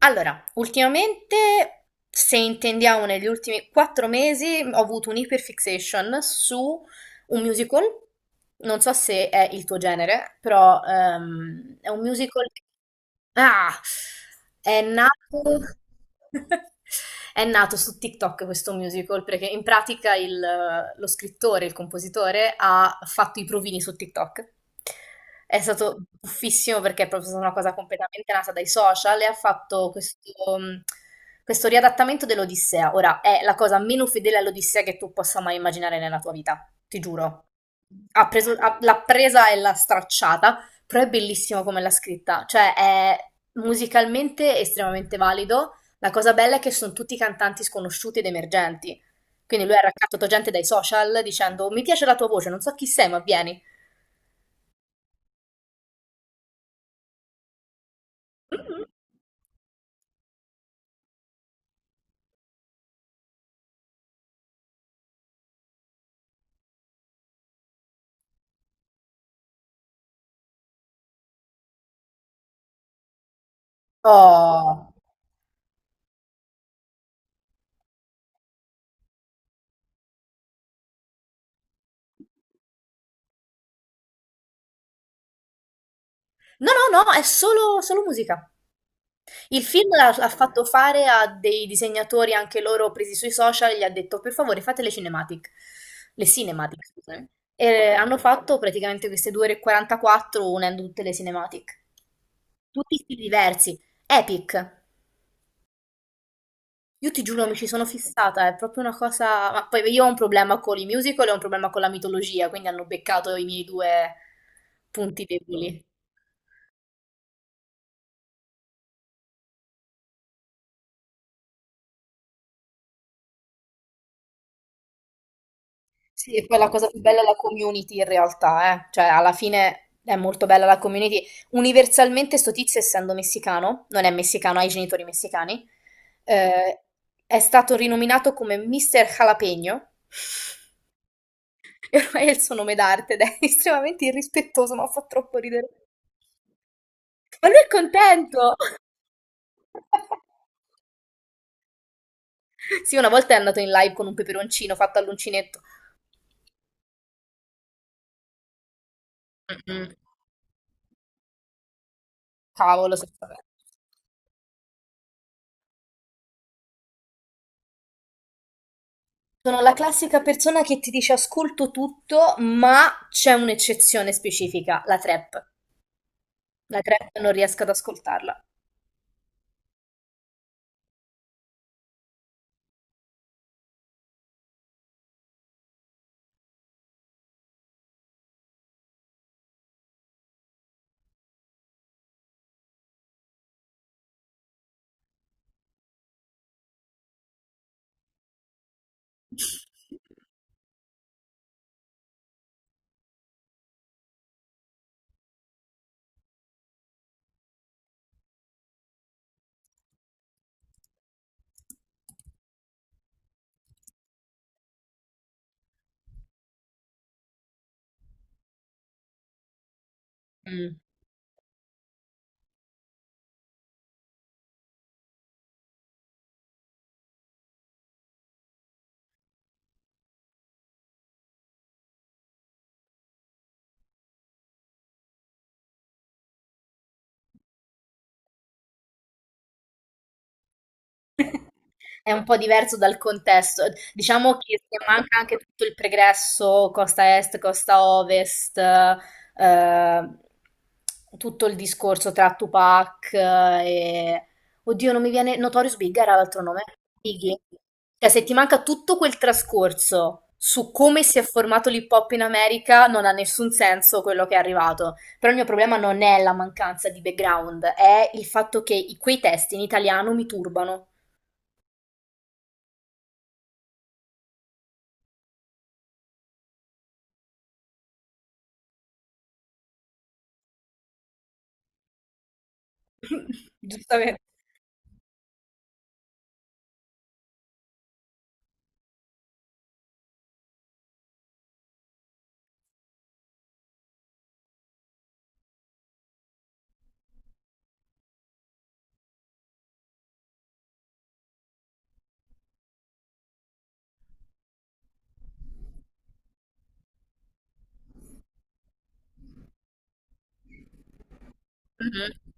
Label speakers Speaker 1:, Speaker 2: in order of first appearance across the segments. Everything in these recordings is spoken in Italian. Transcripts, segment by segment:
Speaker 1: Allora, ultimamente, se intendiamo negli ultimi 4 mesi, ho avuto un'iperfixation su un musical. Non so se è il tuo genere, però è un musical. Ah! È nato. È nato su TikTok questo musical perché in pratica lo scrittore, il compositore, ha fatto i provini su TikTok. È stato buffissimo perché è proprio stata una cosa completamente nata dai social e ha fatto questo riadattamento dell'Odissea. Ora, è la cosa meno fedele all'Odissea che tu possa mai immaginare nella tua vita, ti giuro. L'ha presa e l'ha stracciata, però è bellissimo come l'ha scritta. Cioè, è musicalmente estremamente valido. La cosa bella è che sono tutti cantanti sconosciuti ed emergenti. Quindi lui ha raccattato gente dai social dicendo: Mi piace la tua voce, non so chi sei, ma vieni. Oh! No, no, no, è solo musica. Il film l'ha fatto fare a dei disegnatori anche loro presi sui social, gli ha detto: "Per favore, fate le cinematic". Le cinematic, scusami. E hanno fatto praticamente queste due ore e 44 unendo tutte le cinematic. Tutti stili diversi. Epic. Io ti giuro, mi ci sono fissata, è proprio una cosa, ma poi io ho un problema con i musical e ho un problema con la mitologia, quindi hanno beccato i miei due punti deboli. Sì, e poi la cosa più bella è la community in realtà, eh. Cioè, alla fine è molto bella la community. Universalmente sto tizio, essendo messicano, non è messicano, ha i genitori messicani, eh, è stato rinominato come Mr. Jalapeno, e ormai è il suo nome d'arte ed è estremamente irrispettoso, ma fa troppo ridere. Ma lui è contento! Sì, una volta è andato in live con un peperoncino fatto all'uncinetto. Mm, mm. Cavolo, vabbè. Sono la classica persona che ti dice ascolto tutto, ma c'è un'eccezione specifica, la trap. La trap non riesco ad ascoltarla. Mm. È un po' diverso dal contesto. Diciamo che se manca anche tutto il pregresso, costa est, costa ovest, tutto il discorso tra Tupac, e... Oddio, non mi viene... Notorious Big era l'altro nome? Biggie. Cioè, se ti manca tutto quel trascorso su come si è formato l'hip hop in America, non ha nessun senso quello che è arrivato. Però il mio problema non è la mancanza di background, è il fatto che quei testi in italiano mi turbano. Giustamente. Mhm.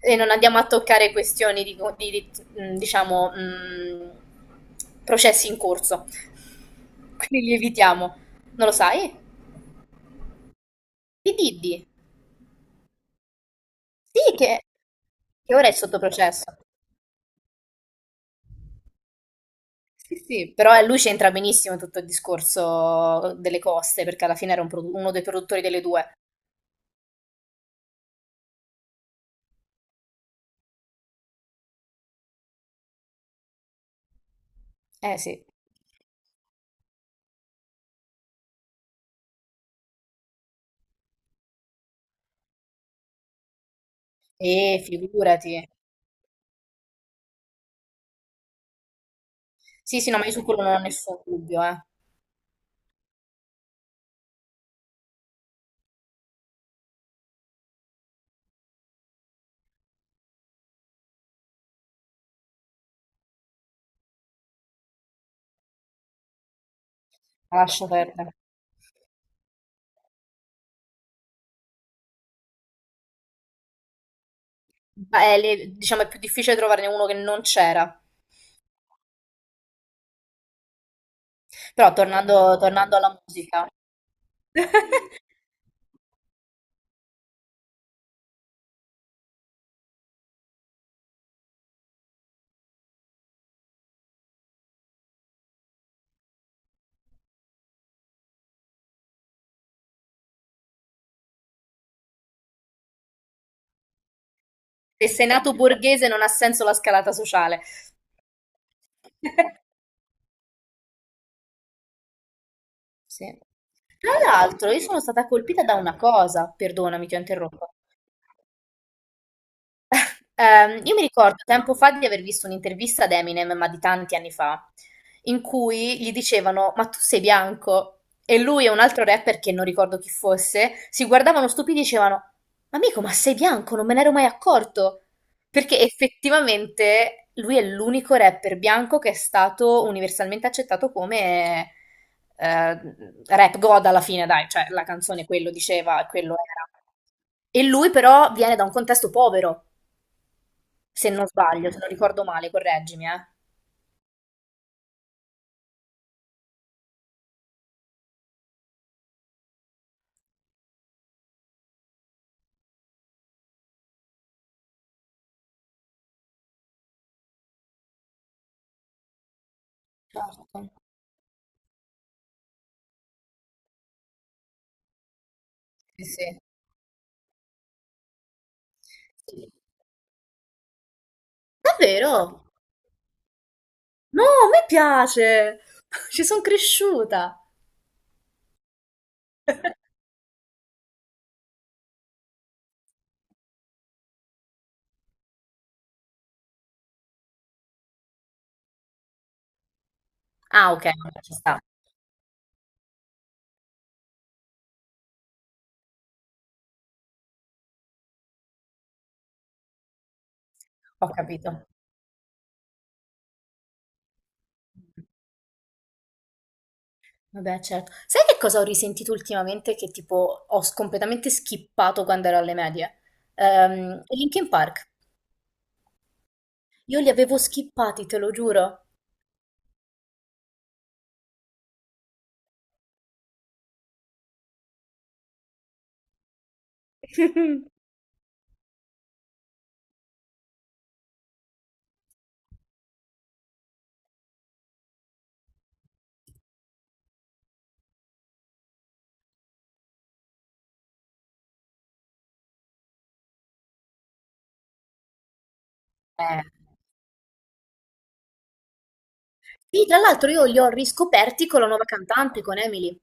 Speaker 1: E non andiamo a toccare questioni di, diciamo, processi in corso. Quindi li evitiamo. Non lo sai? Di Diddy. Sì, che ora è sotto processo. Sì, sì. Però lui c'entra benissimo in tutto il discorso delle coste, perché alla fine era un uno dei produttori delle due. Eh sì. E figurati. Sì, sì, no, ma io su quello non ho nessun dubbio, eh. Lascia perdere. Beh, diciamo è più difficile trovarne uno che non c'era. Però tornando, tornando alla musica, se sei nato borghese non ha senso la scalata sociale. Sì. Tra l'altro, io sono stata colpita da una cosa, perdonami, ti ho interrotto. Io mi ricordo tempo fa di aver visto un'intervista ad Eminem, ma di tanti anni fa, in cui gli dicevano: Ma tu sei bianco? E lui e un altro rapper che non ricordo chi fosse si guardavano stupidi e dicevano: Amico, ma sei bianco? Non me ne ero mai accorto. Perché effettivamente lui è l'unico rapper bianco che è stato universalmente accettato come eh, rap god alla fine, dai, cioè la canzone quello diceva, quello era. E lui però viene da un contesto povero. Se non sbaglio, se non ricordo male, correggimi, eh. Certo. Sì, sì. Sì. Davvero? No, a me piace! Ci sono cresciuta. Ah, ok, ci sta. Ho capito. Vabbè, certo. Sai che cosa ho risentito ultimamente, che tipo ho completamente skippato quando ero alle medie? I Linkin Park. Io li avevo skippati, te lo giuro. Eh. Sì, tra l'altro io li ho riscoperti con la nuova cantante, con Emily.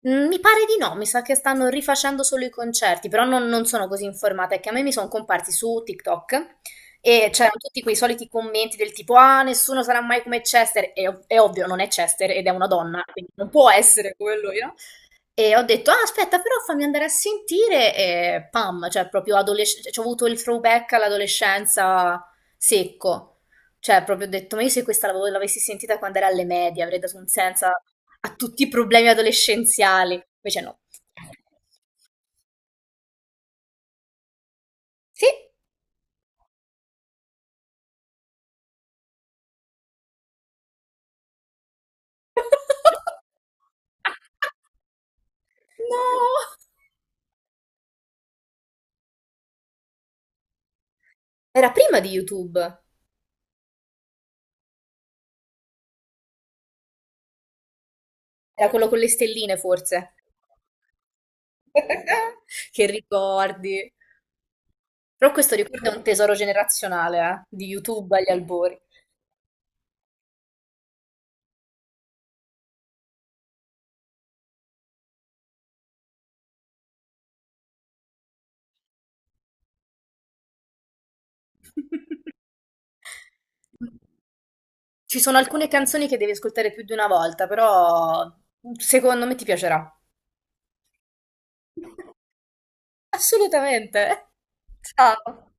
Speaker 1: Mhmm, mi pare di no, mi sa che stanno rifacendo solo i concerti, però non sono così informata, è che a me mi son comparsi su TikTok e c'erano tutti quei soliti commenti del tipo: "Ah, nessuno sarà mai come Chester", è ovvio, non è Chester ed è una donna, quindi non può essere come lui, no? E ho detto, ah, aspetta, però fammi andare a sentire e pam, cioè proprio adolescenza, ho avuto il throwback all'adolescenza secco. Cioè proprio ho detto, ma io se questa l'avessi sentita quando era alle medie avrei dato un senso a tutti i problemi adolescenziali. Invece no. Sì. No! Era prima di YouTube, era quello con le stelline forse. Che ricordi. Però questo ricordo è un tesoro generazionale, di YouTube agli albori. Ci sono alcune canzoni che devi ascoltare più di una volta, però secondo me ti piacerà. Assolutamente. Ciao.